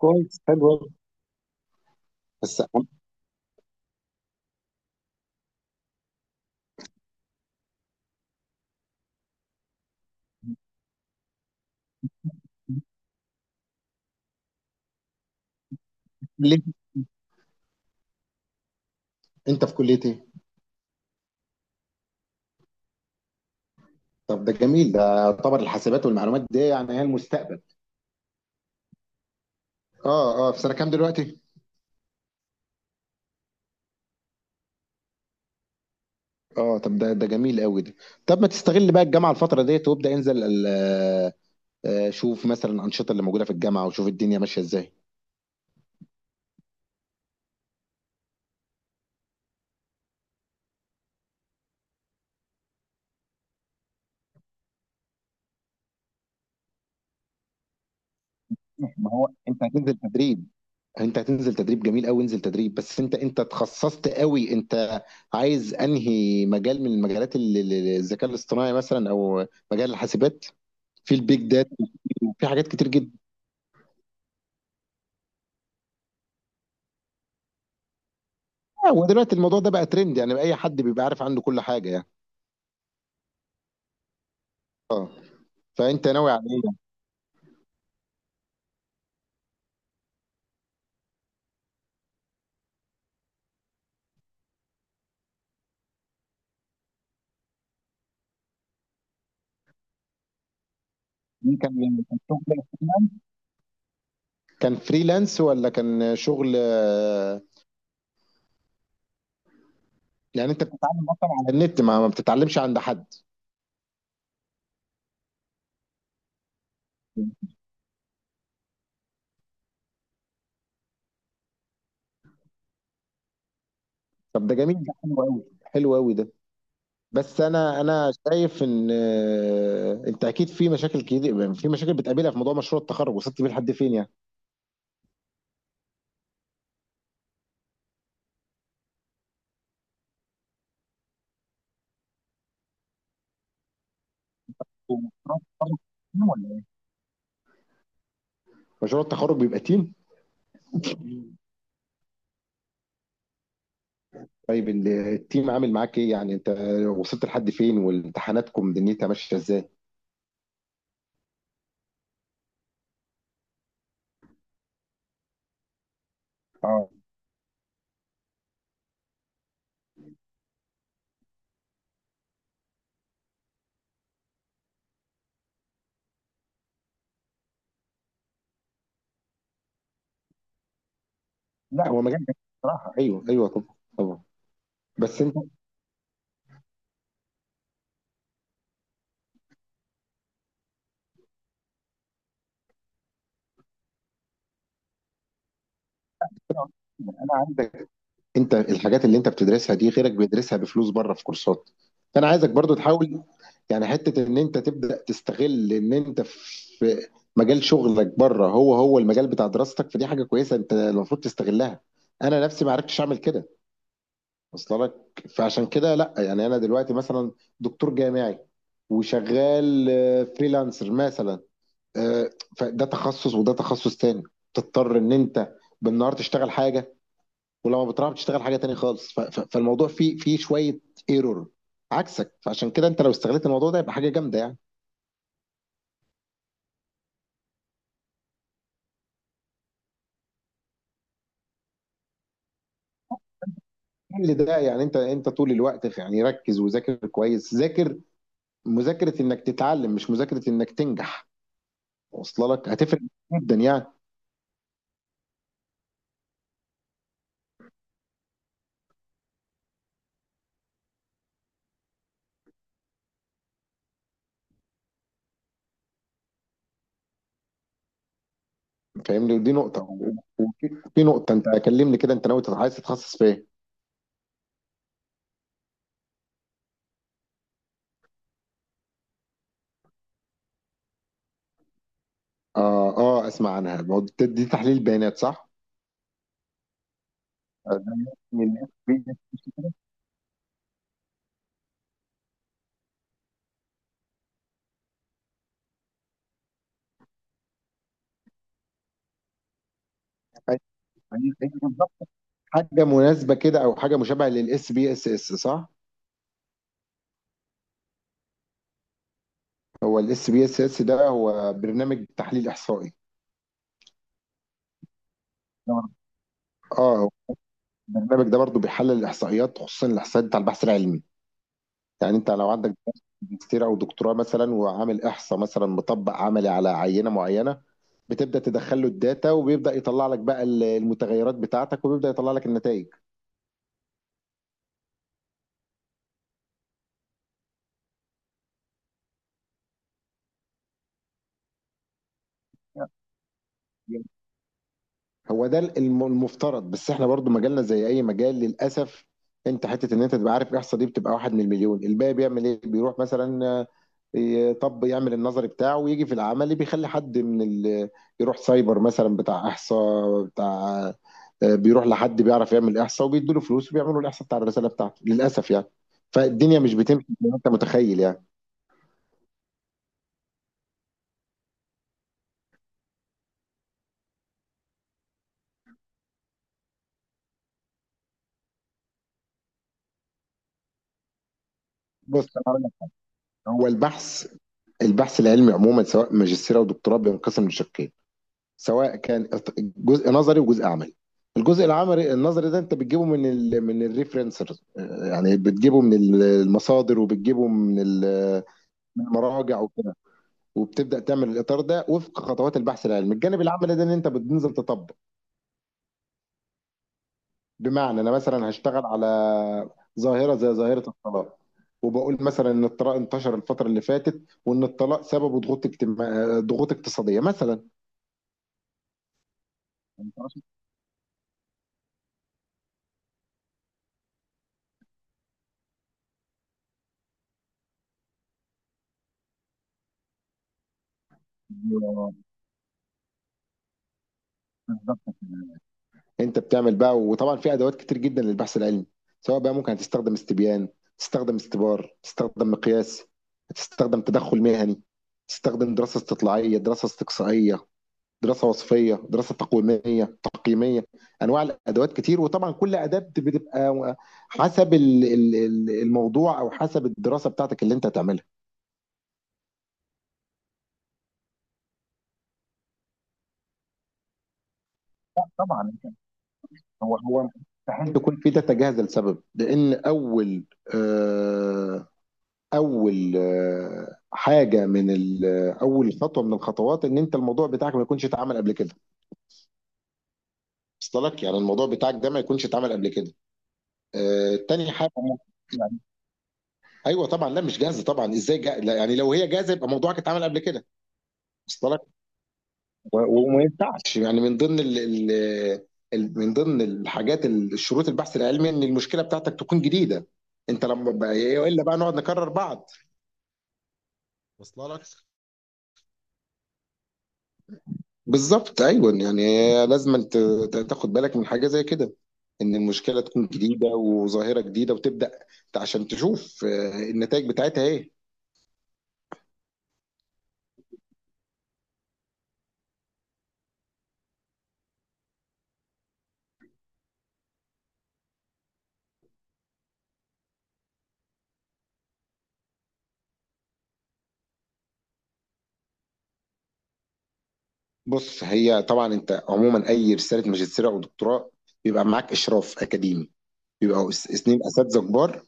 كويس، حلو أوي. بس عم- ليه؟ انت في كليه ايه؟ طب ده جميل، ده يعتبر الحاسبات والمعلومات دي يعني هي المستقبل. اه في سنه كام دلوقتي؟ اه، طب ده جميل قوي ده. طب ما تستغل بقى الجامعه الفتره ديت وابدا انزل شوف مثلا الانشطه اللي موجوده في الجامعه وشوف الدنيا ماشيه ازاي. ما هو انت هتنزل تدريب، انت هتنزل تدريب، جميل قوي، انزل تدريب. بس انت تخصصت قوي، انت عايز انهي مجال من مجالات الذكاء الاصطناعي مثلا، او مجال الحاسبات؟ في البيج في حاجات كتير جدا. ودلوقتي الموضوع ده بقى ترند، يعني بقى اي حد بيبقى عارف عنده كل حاجه يعني. فانت ناوي على ايه؟ يعني كان شغل، كان فريلانس ولا كان شغل؟ يعني انت بتتعلم اصلا على النت، ما بتتعلمش عند حد؟ طب ده جميل، ده حلو قوي، حلو قوي ده. بس انا شايف ان انت اكيد في مشاكل كتير، في مشاكل بتقابلها في موضوع مشروع التخرج. وصلت بيه لحد فين يعني؟ مشروع التخرج تيم ولا إيه؟ مشروع التخرج بيبقى تيم. طيب التيم عامل معاك ايه يعني؟ انت وصلت لحد فين، وامتحاناتكم دنيتها ماشيه ازاي؟ اه. لا، هو مجال جميل بصراحه، ايوه ايوه، طبعا طبعا. بس انت انا عندك، انت الحاجات اللي انت بتدرسها دي غيرك بيدرسها بفلوس بره في كورسات، فانا عايزك برضو تحاول يعني حته ان انت تبدا تستغل ان انت في مجال شغلك بره هو هو المجال بتاع دراستك، فدي حاجه كويسه انت المفروض تستغلها. انا نفسي ما عرفتش اعمل كده، وصل لك؟ فعشان كده لا، يعني انا دلوقتي مثلا دكتور جامعي وشغال فريلانسر مثلا، آه، فده تخصص وده تخصص تاني. تضطر ان انت بالنهار تشتغل حاجه، ولما بتروح بتشتغل حاجه تاني خالص، فالموضوع فيه، فيه شويه ايرور عكسك. فعشان كده انت لو استغلت الموضوع ده يبقى حاجه جامده يعني. كل ده يعني، انت طول الوقت يعني ركز وذاكر كويس، ذاكر مذاكره انك تتعلم مش مذاكره انك تنجح. واصله لك؟ هتفرق جدا يعني. فاهمني؟ ودي نقطة. وفي في نقطة، أنت كلمني كده، أنت ناوي عايز تتخصص في إيه؟ آه أسمع عنها، ما هو دي دي تحليل بيانات صح؟ آه، ده من ال SPSS. أيوه، أيوه، بالظبط. حاجة مناسبة كده، أو حاجة مشابهة للاس بي اس اس صح؟ هو الاس بي اس اس ده هو برنامج تحليل إحصائي. نعم. آه، هو البرنامج ده برضو بيحلل الإحصائيات، خصوصا الإحصائيات بتاع البحث العلمي. يعني أنت لو عندك ماجستير أو دكتوراه مثلا وعامل إحصاء مثلا مطبق عملي على عينة معينة، بتبدا تدخل له الداتا، وبيبدا يطلع لك بقى المتغيرات بتاعتك وبيبدا يطلع لك النتائج. هو ده المفترض، بس احنا برضو مجالنا زي اي مجال للاسف. انت حته ان انت تبقى عارف الاحصاء دي بتبقى واحد من المليون، الباقي بيعمل ايه؟ بيروح مثلا طب يعمل النظري بتاعه، ويجي في العملي بيخلي حد من ال... يروح سايبر مثلا بتاع احصاء بتاع، بيروح لحد بيعرف يعمل احصاء، وبيدوا له فلوس وبيعملوا الاحصاء بتاع الرساله بتاعته، للاسف يعني. فالدنيا مش بتمشي زي ما انت متخيل يعني. بص أنا هقول لك، هو البحث العلمي عموما، سواء ماجستير او دكتوراه، بينقسم لشقين، سواء كان جزء نظري وجزء عملي. الجزء العملي النظري ده انت بتجيبه من ال من الريفرنسرز، يعني بتجيبه من المصادر، وبتجيبه من من المراجع وكده. وبتبدا تعمل الاطار ده وفق خطوات البحث العلمي. الجانب العملي ده ان انت بتنزل تطبق، بمعنى انا مثلا هشتغل على ظاهره زي ظاهره الطلاق، وبقول مثلا ان الطلاق انتشر الفتره اللي فاتت، وان الطلاق سببه ضغوط اجتماع، ضغوط اقتصاديه مثلا. أيوه، بالظبط كده. انت بتعمل بقى، وطبعا في ادوات كتير جدا للبحث العلمي، سواء بقى ممكن هتستخدم استبيان، تستخدم استبار، تستخدم مقياس، تستخدم تدخل مهني، تستخدم دراسة استطلاعية، دراسة استقصائية، دراسة وصفية، دراسة تقويمية تقييمية. انواع الادوات كتير، وطبعا كل اداة بتبقى حسب الموضوع، او حسب الدراسة بتاعتك اللي انت هتعملها. طبعا، هو مستحيل يكون في داتا جاهزة، لسبب لان اول حاجه من اول خطوه من الخطوات، ان انت الموضوع بتاعك ما يكونش اتعمل قبل كده. وصل لك؟ يعني الموضوع بتاعك ده ما يكونش اتعمل قبل كده. آه، تاني حاجه يعني، ايوه طبعا، لا مش جاهزه طبعا، ازاي جا... لا يعني لو هي جاهزه يبقى موضوعك اتعمل قبل كده. وصل لك؟ و- وما ينفعش يعني، من ضمن ال... ال... من ضمن الحاجات شروط البحث العلمي ان المشكله بتاعتك تكون جديده. انت لما بقى... الا بقى نقعد نكرر بعض. وصل لك؟ بالظبط، ايوه يعني، لازم أنت تاخد بالك من حاجه زي كده، ان المشكله تكون جديده وظاهره جديده، وتبدا عشان تشوف النتائج بتاعتها ايه. بص، هي طبعا انت عموما اي رساله ماجستير او دكتوراه بيبقى معاك اشراف اكاديمي، اثنين اساتذه كبار،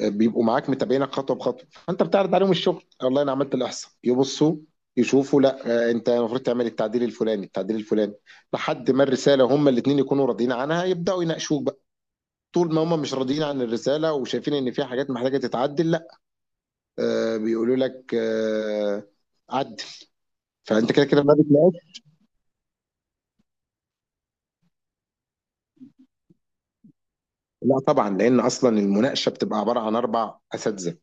بيبقوا معاك متابعينك خطوه بخطوه، فانت بتعرض عليهم الشغل، والله انا عملت الاحصاء، يبصوا يشوفوا، لا انت المفروض تعمل التعديل الفلاني، التعديل الفلاني، لحد ما الرساله هما الاثنين يكونوا راضيين عنها يبداوا يناقشوك. طول ما هم مش راضيين عن الرساله وشايفين ان في حاجات محتاجه تتعدل، لا، آه بيقولوا لك آه، عدل. فانت كده كده ما بتناقش. لا طبعا، لان اصلا المناقشه بتبقى عباره عن اربع اساتذه،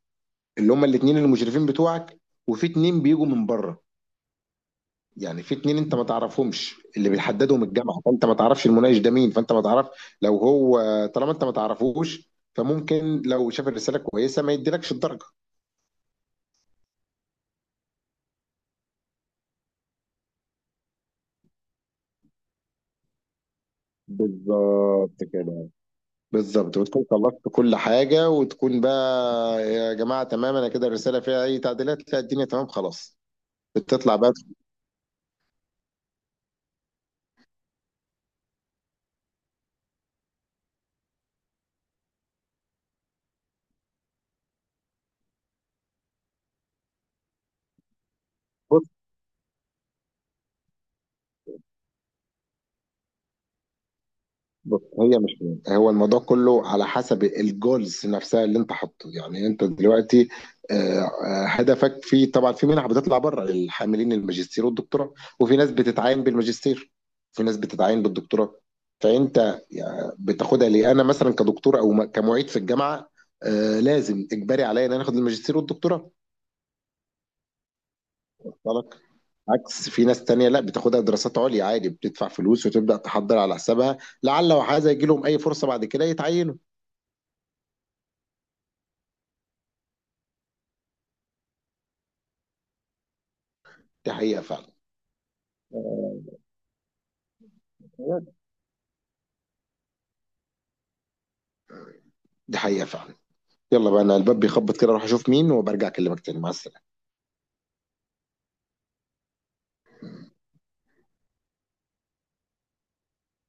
اللي هم الاثنين المشرفين بتوعك، وفي اثنين بيجوا من بره، يعني في اتنين انت ما تعرفهمش، اللي بيحددهم الجامعه، فانت ما تعرفش المناقش ده مين، فانت ما تعرف لو هو، طالما انت ما تعرفوش فممكن لو شاف الرساله كويسه ما يديلكش الدرجه. بالظبط كده. بالظبط، وتكون خلصت كل حاجة وتكون بقى، يا جماعة تمام أنا كده الرسالة فيها أي تعديلات؟ لا، الدنيا تمام خلاص. بتطلع بقى بص. بص، هي مش مهم. هو الموضوع كله على حسب الجولز نفسها اللي أنت حاطه، يعني أنت دلوقتي، آه، هدفك في، طبعا في منح بتطلع بره للحاملين الماجستير والدكتوراه، وفي ناس بتتعين بالماجستير، في ناس بتتعين بالدكتوراه، فأنت يعني بتاخدها ليه؟ أنا مثلا كدكتور أو كمعيد في الجامعة، لازم إجباري عليا إن أنا آخد الماجستير والدكتوراه. بالك عكس، في ناس تانية لا بتاخدها دراسات عليا عادي، بتدفع فلوس وتبدأ تحضر على حسابها، لعل وحاذا يجي لهم أي فرصة بعد كده يتعينوا. دي حقيقة فعلا. آه، دي حقيقة فعلا. يلا بقى، أنا الباب بيخبط كده، أروح أشوف مين وبرجع أكلمك تاني. مع السلامة.